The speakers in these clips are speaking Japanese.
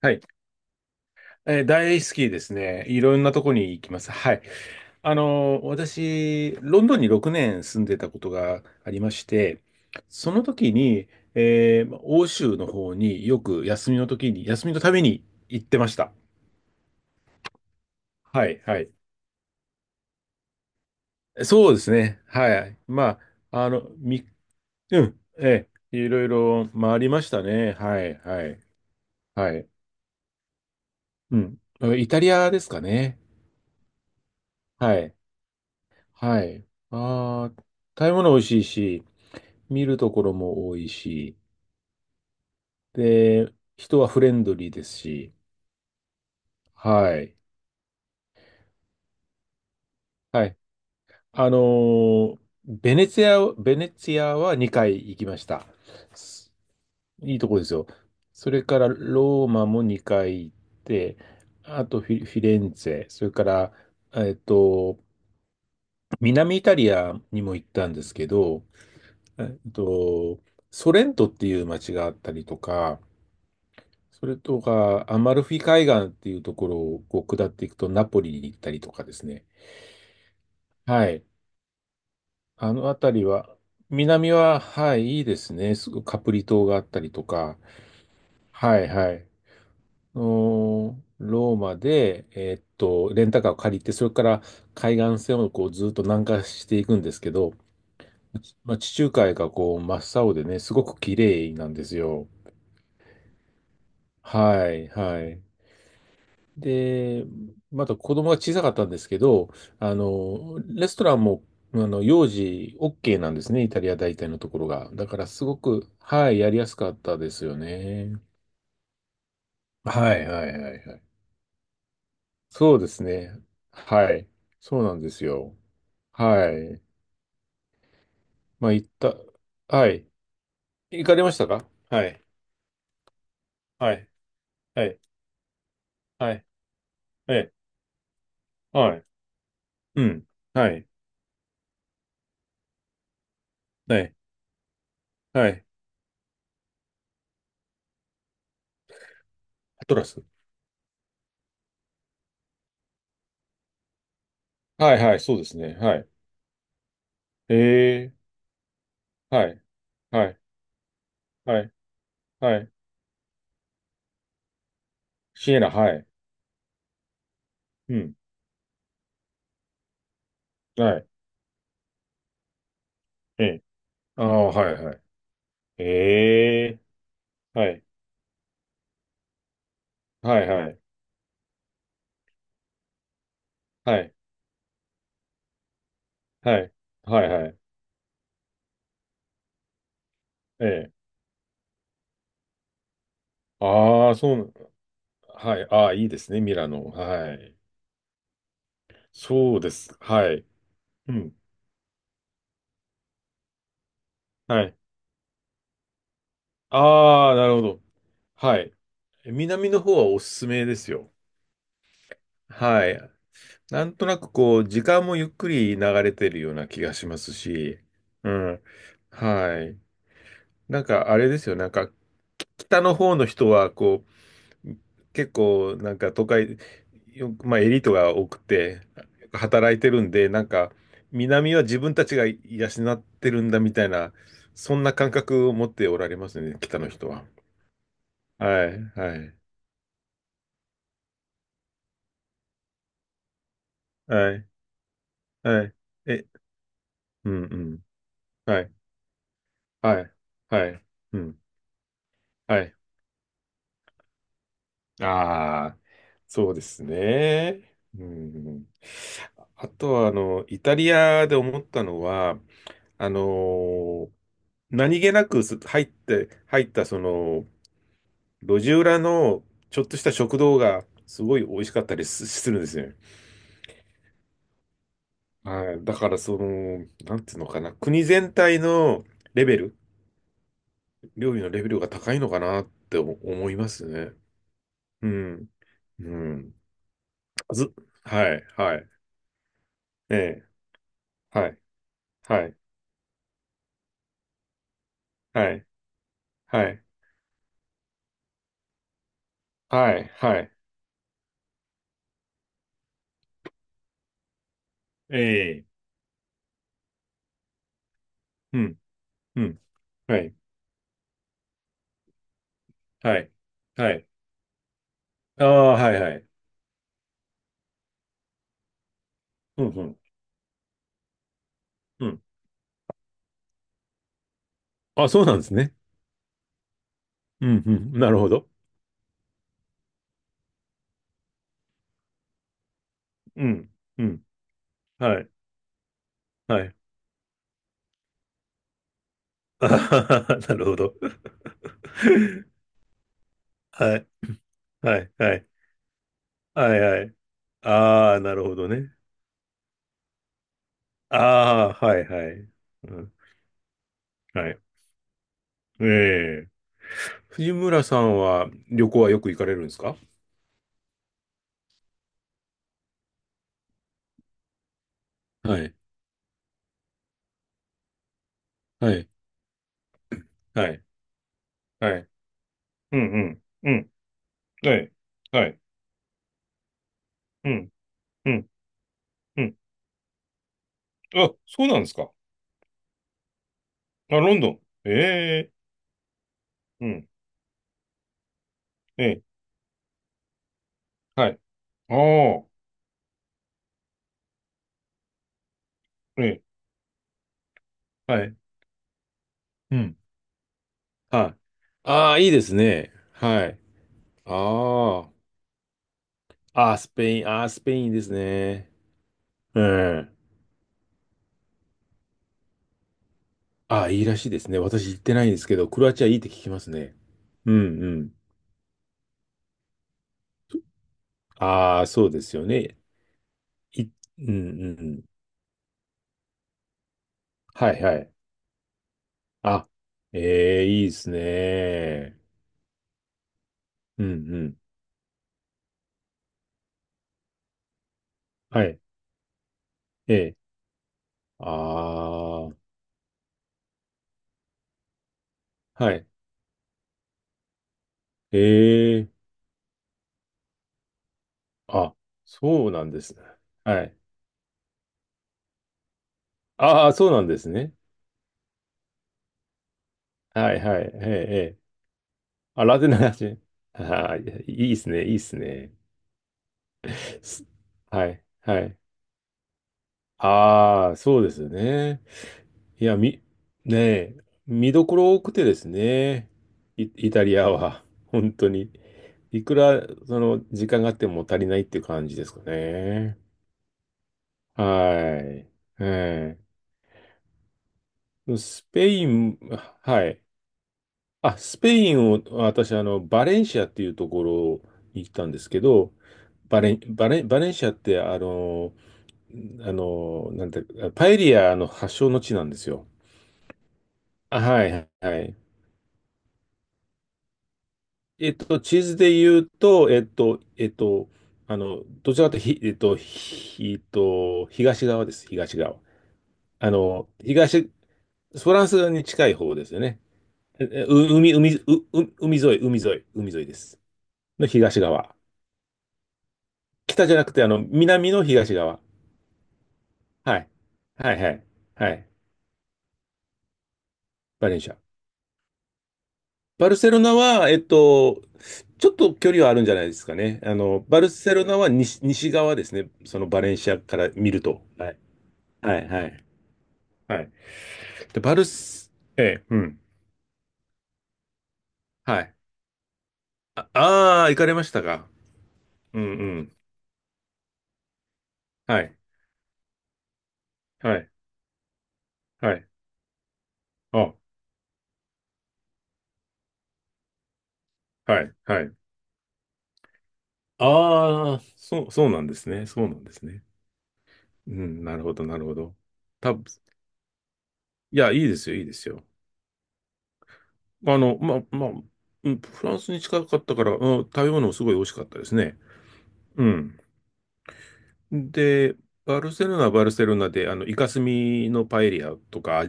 はい。大好きですね。いろんなとこに行きます。はい。私、ロンドンに6年住んでたことがありまして、その時に、欧州の方によく休みの時に、休みのために行ってました。はい、はい。そうですね。はい。まあ、あの、み、うん、ええいろいろ回りましたね。はい、はい、はい。うん。イタリアですかね。はい。はい。ああ、食べ物美味しいし、見るところも多いし、で、人はフレンドリーですし、はい。はい。あのーベネツィア、ベネツィアは2回行きました。すいいとこですよ。それからローマも2回行って、あとフィレンツェ、それから、えっと、南イタリアにも行ったんですけど、えっと、ソレントっていう街があったりとか、それとか、アマルフィ海岸っていうところをこう下っていくとナポリに行ったりとかですね。はい。あの辺りは、南は、はい、いいですね。カプリ島があったりとか。はい、はい。ローマで、レンタカーを借りて、それから海岸線をこうずっと南下していくんですけど、まあ、地中海がこう真っ青でね、すごく綺麗なんですよ。はい、はい。で、まだ子供が小さかったんですけど、あの、レストランも、あの、幼児 OK なんですね、イタリア大体のところが。だからすごく、はい、やりやすかったですよね。はいはいはいはい。そうですね。はい。そうなんですよ。はい。まあ、行った、はい。行かれましたか。はい。はい。はい。はい。ええ。はい。うん。はい。はい。はい。アトラス。はいはいはいはいはいうんはいはいはいアトラスはいはいそうですね。はい。ええ。はい。はいはい。はい。シエナ、はい。うん。はい。ええ。ああ、はい、はい。ええ。はい。はい、はい。はい。はい。はい、はい。ええ。ああ、そう、はい。ああ、いいですね、ミラノ。はい。そうです。はい。うん。はい。ああ、なるほど。はい。南の方はおすすめですよ。はい。なんとなくこう、時間もゆっくり流れてるような気がしますし、うん。はい。なんかあれですよ、なんか北の方の人はこう結構なんか都会、まあ、エリートが多くて働いてるんで、なんか南は自分たちが養ってるんだみたいな、そんな感覚を持っておられますね、北の人は。はい、はい、はい、はい。え、うん、うん。はい、はい、はい、うん、はい。ああ、そうですね。うん。あとは、あの、イタリアで思ったのは、あのー何気なく入って、入った、その、路地裏のちょっとした食堂が、すごい美味しかったりするんですよ。はい。だから、その、なんていうのかな、国全体のレベル、料理のレベルが高いのかなって思いますね。うん。うん。ず、はい、はい。ええ。はいはい、はい、はい、はい、はい。ええ、うん、うん、はい、はい、はい。ああ、はい、はい。うん、うん、うん。あ、そうなんですね。うん、うん、なるほど。うん、うん、はい、はい。あはは、なるほど。はい、はい、はい、はい、はい。ああ、なるほどね。ああ、はい、はい。うん、はい。ええ。藤村さんは旅行はよく行かれるんですか？はい、はい、はい、はい。うん、うん、うん。はい。はい。うん。うん。うん。あ、そうなんですか。あ、ロンドン。ええ、うん。ええ、はい。ああ。ええ、はい。うん。はい。ああ、いいですね。はい。ああ。ああ、スペイン。ああ、スペインですね。うん。ああ、いいらしいですね。私行ってないんですけど、クロアチアいいって聞きますね。うんうん。ああ、そうですよね。うんうんうん。はいはい。あ、ええ、いいですね。うんうん。はい。ええ。ああ、はい。ええ。あ、そうなんですね。はい。ああ、そうなんですね。はい、はい。ええ、ええ。あ、ラテンの話。ああ、いいっすね、いいっすね。すはい、はい。ああ、そうですよね。いや、ねえ、見どころ多くてですね。イタリアは、本当に。いくら、その、時間があっても足りないっていう感じですかね。はい。ええ、スペイン、はい。あ、スペインを、私、あの、バレンシアっていうところに行ったんですけど、バレンシアって、あの、あの、なんて、パエリアの発祥の地なんですよ。あ、はい、はい。えっと、地図で言うと、えっと、あの、どちらかというと、ひえっと、ひえっと、東側です、東側。あの、東、フランス側に近い方ですよね。ええ、う海、海、う、う海沿い、海沿いです。の東側。北じゃなくて、あの、南の東側。はい。はいはい。はい。バレンシア。バルセロナは、えっと、ちょっと距離はあるんじゃないですかね。あの、バルセロナは西、西側ですね。そのバレンシアから見ると。はい。はいはい。はい。で、バルス、ええ、うん。はい。ああー、行かれましたか。うんうん。はい。はい。はい。あ、はい。はい。ああ、そう、そうなんですね。そうなんですね。うん、なるほど、なるほど。多分、いや、いいですよ、いいですよ。あの、ま、まあ、うん、フランスに近かったから、うん、食べ物もすごい美味しかったですね。うん。で、バルセロナはバルセロナで、あの、イカスミのパエリアとか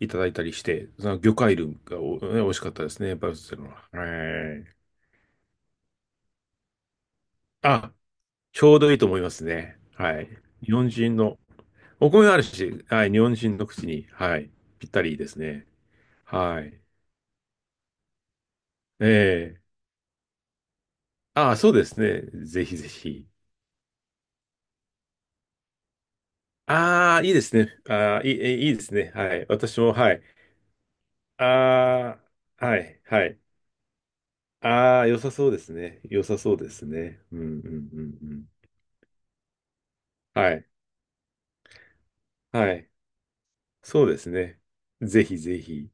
いただいたりして、その魚介類が美味しかったですね、バルセロナ。はい。あ、ちょうどいいと思いますね。はい。日本人の、お米があるし、はい、日本人の口に、はい、ぴったりですね。はい。ええ、ああ、そうですね。ぜひぜひ。ああ、いいですね。ああ、いいですね。はい。私も、はい。ああ、はい、はい。ああ、良さそうですね。良さそうですね。うん、うん、うん、うん。はい、はい。そうですね。ぜひぜひ。